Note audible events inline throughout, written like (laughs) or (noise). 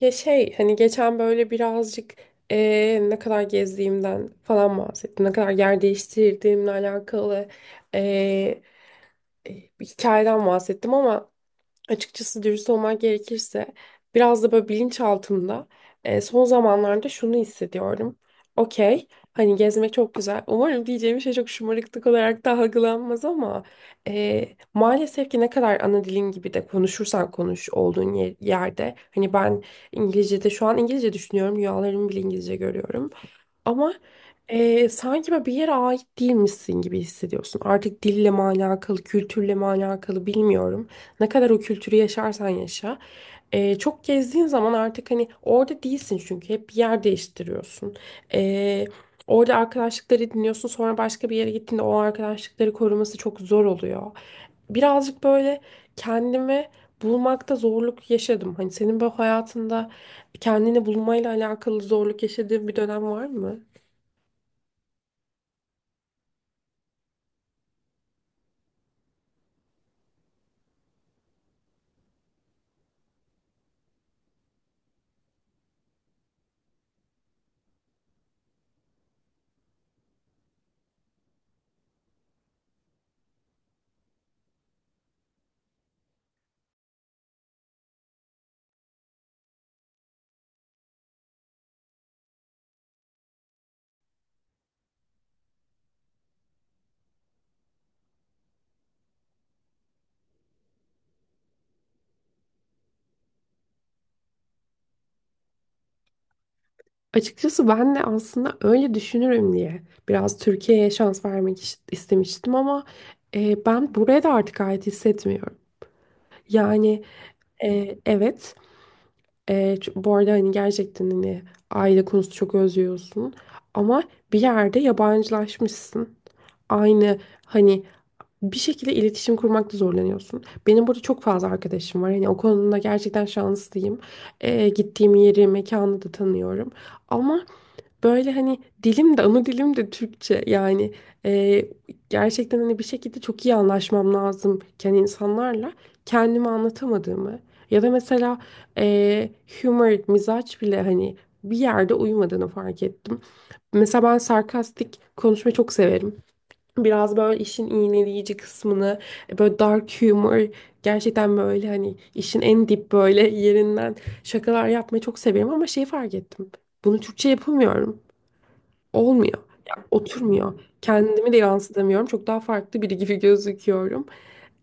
Ya şey hani geçen böyle birazcık ne kadar gezdiğimden falan bahsettim. Ne kadar yer değiştirdiğimle alakalı eee, bir hikayeden bahsettim ama açıkçası dürüst olmak gerekirse biraz da böyle bilinçaltımda son zamanlarda şunu hissediyorum. Okey, hani gezmek çok güzel. Umarım diyeceğim şey çok şımarıklık olarak da algılanmaz ama e, maalesef ki ne kadar ana dilin gibi de konuşursan konuş olduğun yerde. Hani ben İngilizce'de şu an İngilizce düşünüyorum. Rüyalarımı bile İngilizce görüyorum. Ama sanki böyle bir yere ait değilmişsin gibi hissediyorsun. Artık dille mi alakalı, kültürle mi alakalı bilmiyorum. Ne kadar o kültürü yaşarsan yaşa. Çok gezdiğin zaman artık hani orada değilsin çünkü hep bir yer değiştiriyorsun. Eee, Orada arkadaşlıkları dinliyorsun, sonra başka bir yere gittiğinde o arkadaşlıkları koruması çok zor oluyor. Birazcık böyle kendimi bulmakta zorluk yaşadım. Hani senin bu hayatında kendini bulmayla alakalı zorluk yaşadığın bir dönem var mı? Açıkçası ben de aslında öyle düşünürüm diye biraz Türkiye'ye şans vermek istemiştim ama ben buraya da artık ait hissetmiyorum. Yani evet, bu arada hani gerçekten hani aile konusu çok özlüyorsun ama bir yerde yabancılaşmışsın. Aynı hani bir şekilde iletişim kurmakta zorlanıyorsun. Benim burada çok fazla arkadaşım var. Hani o konuda gerçekten şanslıyım. Gittiğim yeri, mekanı da tanıyorum. Ama böyle hani dilim de, ana dilim de Türkçe, yani e, gerçekten hani bir şekilde çok iyi anlaşmam lazımken insanlarla kendimi anlatamadığımı ya da mesela e, humor, mizaç bile hani bir yerde uyumadığını fark ettim. Mesela ben sarkastik konuşmayı çok severim. Biraz böyle işin iğneleyici kısmını, böyle dark humor, gerçekten böyle hani işin en dip böyle yerinden şakalar yapmayı çok severim ama şeyi fark ettim. Bunu Türkçe yapamıyorum. Olmuyor. Ya, oturmuyor. Kendimi de yansıtamıyorum. Çok daha farklı biri gibi gözüküyorum.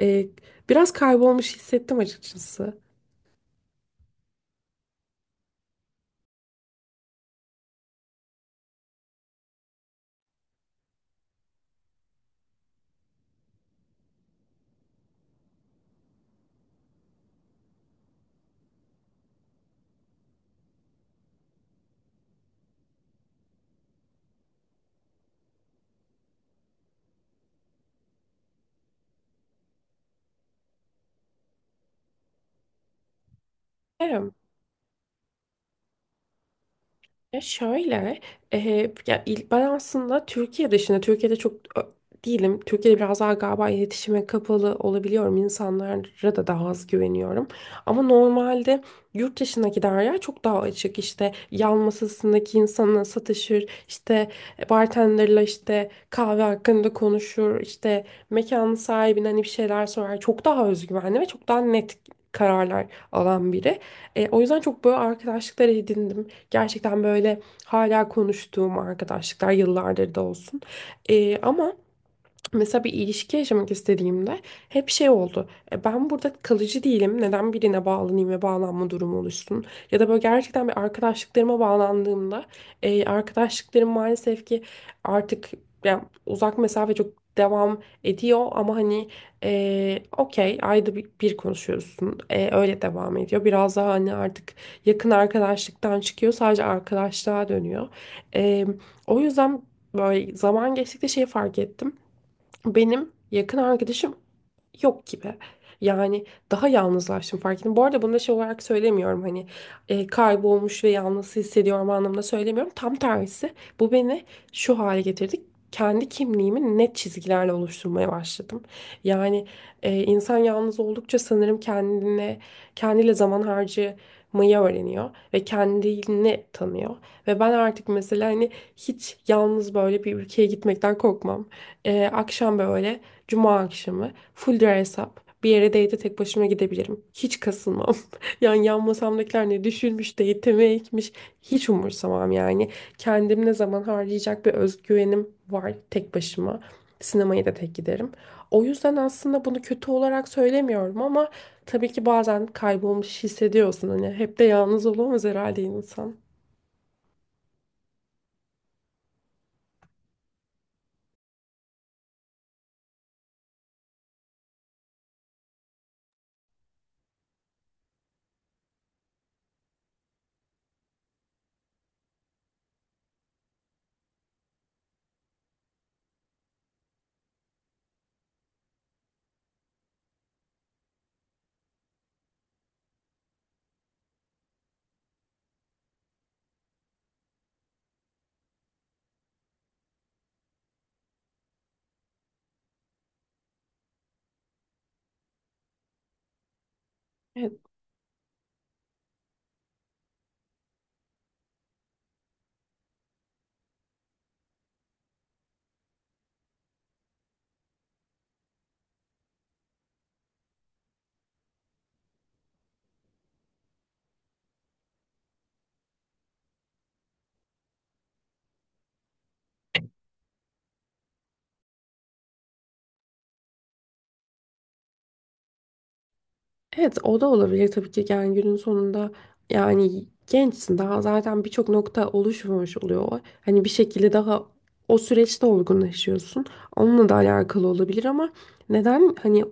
Ee, biraz kaybolmuş hissettim açıkçası. Ya şöyle, e, ya ben aslında Türkiye dışında, Türkiye'de çok ö, değilim. Türkiye'de biraz daha galiba iletişime kapalı olabiliyorum. İnsanlara da daha az güveniyorum. Ama normalde yurt dışındaki Derya çok daha açık. İşte yan masasındaki insanla satışır, işte bartenderla işte kahve hakkında konuşur, işte mekanın sahibine hani bir şeyler sorar. Çok daha özgüvenli ve çok daha net kararlar alan biri. O yüzden çok böyle arkadaşlıklar edindim. Gerçekten böyle hala konuştuğum arkadaşlıklar, yıllardır da olsun. Ama mesela bir ilişki yaşamak istediğimde hep şey oldu. Ben burada kalıcı değilim. Neden birine bağlanayım ve bağlanma durumu oluşsun? Ya da böyle gerçekten bir arkadaşlıklarıma bağlandığımda arkadaşlıklarım maalesef ki artık, yani uzak mesafe çok devam ediyor ama hani okey, ayda bir konuşuyorsun. Öyle devam ediyor. Biraz daha hani artık yakın arkadaşlıktan çıkıyor. Sadece arkadaşlığa dönüyor. E, O yüzden böyle zaman geçtikçe şey fark ettim. Benim yakın arkadaşım yok gibi. Yani daha yalnızlaştım, fark ettim. Bu arada bunu da şey olarak söylemiyorum, hani kaybolmuş ve yalnız hissediyorum anlamında söylemiyorum. Tam tersi, bu beni şu hale getirdi. Kendi kimliğimi net çizgilerle oluşturmaya başladım. Yani insan yalnız oldukça sanırım kendine, kendiyle zaman harcamayı öğreniyor ve kendini tanıyor. Ve ben artık mesela hani hiç yalnız böyle bir ülkeye gitmekten korkmam. Akşam böyle cuma akşamı full dress up bir yere date'e tek başıma gidebilirim. Hiç kasılmam. (laughs) Yani yan masamdakiler ne düşünmüş, date'e mi ekmiş, hiç umursamam yani. Kendim ne zaman harcayacak bir özgüvenim var tek başıma. Sinemaya da tek giderim. O yüzden aslında bunu kötü olarak söylemiyorum ama tabii ki bazen kaybolmuş hissediyorsun. Hani hep de yalnız olamaz herhalde insan. Evet. Evet, o da olabilir tabii ki, yani günün sonunda, yani gençsin daha, zaten birçok nokta oluşmamış oluyor. Hani bir şekilde daha o süreçte olgunlaşıyorsun. Onunla da alakalı olabilir ama neden hani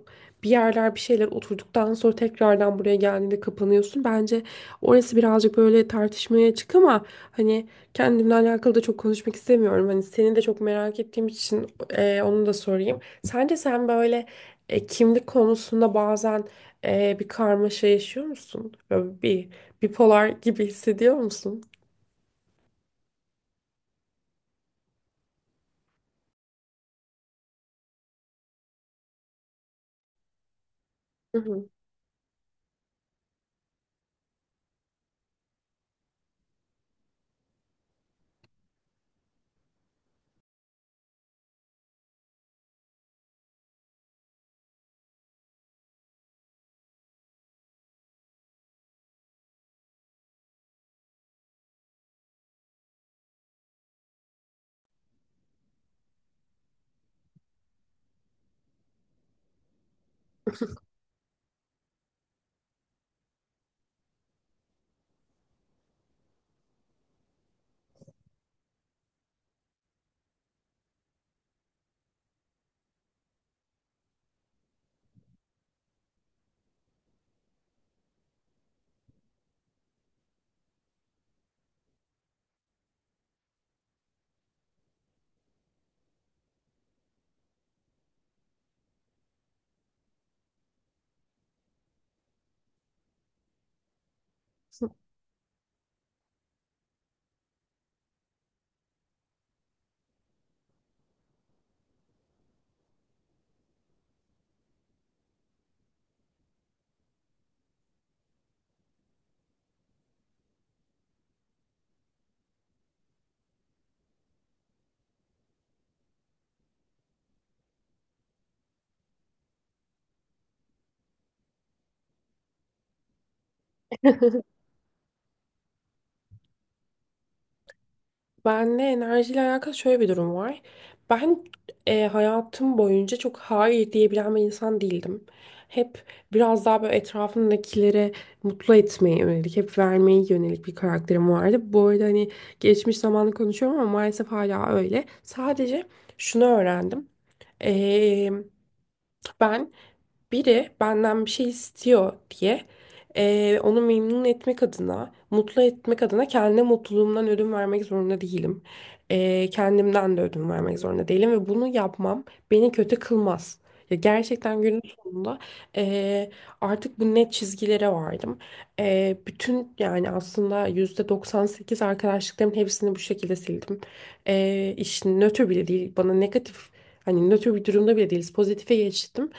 bir yerler, bir şeyler oturduktan sonra tekrardan buraya geldiğinde kapanıyorsun, bence orası birazcık böyle tartışmaya açık ama hani kendimle alakalı da çok konuşmak istemiyorum. Hani seni de çok merak ettiğim için onu da sorayım. Sence sen böyle kimlik konusunda bazen bir karmaşa yaşıyor musun? Böyle bir bipolar gibi hissediyor musun? Hı hı. (laughs) Benle enerjiyle alakalı şöyle bir durum var. Ben hayatım boyunca çok hayır diyebilen bir insan değildim. Hep biraz daha böyle etrafımdakileri mutlu etmeye yönelik, hep vermeye yönelik bir karakterim vardı. Bu arada hani geçmiş zamanı konuşuyorum ama maalesef hala öyle. Sadece şunu öğrendim. Ben biri benden bir şey istiyor diye onu memnun etmek adına, mutlu etmek adına kendine mutluluğumdan ödün vermek zorunda değilim. Kendimden de ödün vermek zorunda değilim ve bunu yapmam beni kötü kılmaz. Ya gerçekten günün sonunda eee, artık bu net çizgilere vardım. Bütün, yani aslında %98 arkadaşlıkların hepsini bu şekilde sildim. İşin nötr bile değil, bana negatif. Hani nötr bir durumda bile değiliz. Pozitife geçtim.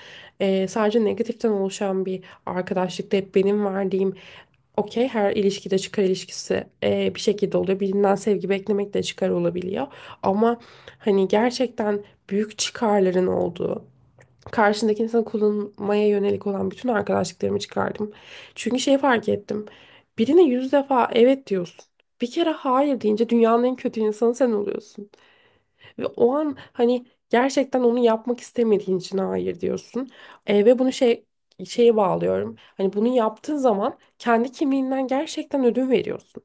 Sadece negatiften oluşan bir arkadaşlıkta hep benim verdiğim, okey, her ilişkide çıkar ilişkisi bir şekilde oluyor. Birinden sevgi beklemek de çıkar olabiliyor. Ama hani gerçekten büyük çıkarların olduğu, karşındaki insanı kullanmaya yönelik olan bütün arkadaşlıklarımı çıkardım. Çünkü şey fark ettim. Birine yüz defa evet diyorsun. Bir kere hayır deyince dünyanın en kötü insanı sen oluyorsun. Ve o an hani gerçekten onu yapmak istemediğin için hayır diyorsun. Ve bunu şeye bağlıyorum. Hani bunu yaptığın zaman kendi kimliğinden gerçekten ödün veriyorsun.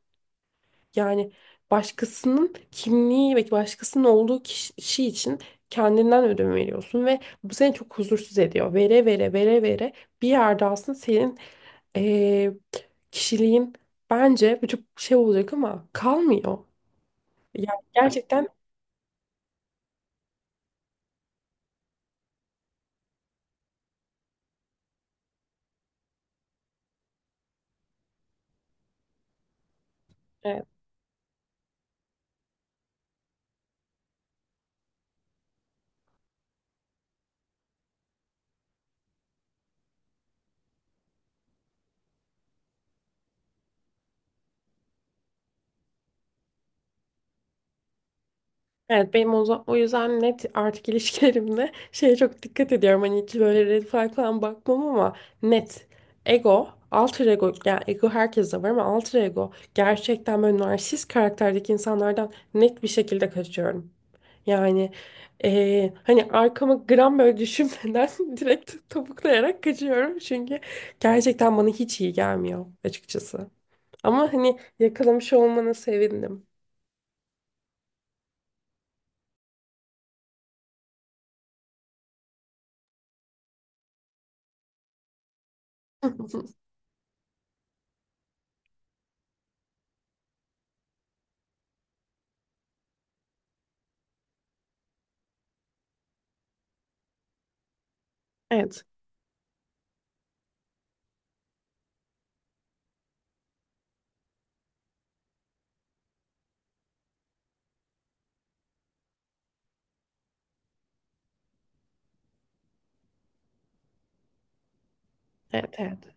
Yani başkasının kimliği ve başkasının olduğu kişi için kendinden ödün veriyorsun ve bu seni çok huzursuz ediyor. Vere vere vere vere bir yerde aslında senin e, kişiliğin, bence bu çok şey olacak ama, kalmıyor. Yani gerçekten evet, benim o yüzden net artık (laughs) ilişkilerimde şeye çok dikkat ediyorum. Hani hiç böyle red flag falan bakmam ama net ego, alter ego, yani ego herkeste var ama alter ego gerçekten böyle narsist karakterdeki insanlardan net bir şekilde kaçıyorum. Yani hani arkama gram böyle düşünmeden (laughs) direkt topuklayarak kaçıyorum. Çünkü gerçekten bana hiç iyi gelmiyor açıkçası. Ama hani yakalamış olmana sevindim. (laughs) Evet, evet, evet.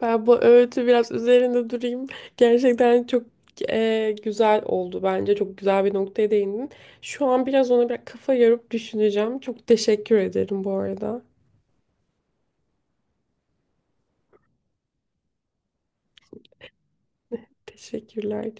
Ben bu öğütü biraz üzerinde durayım. Gerçekten çok güzel oldu bence. Çok güzel bir noktaya değindin. Şu an biraz ona bir kafa yorup düşüneceğim. Çok teşekkür ederim bu arada. Teşekkürler.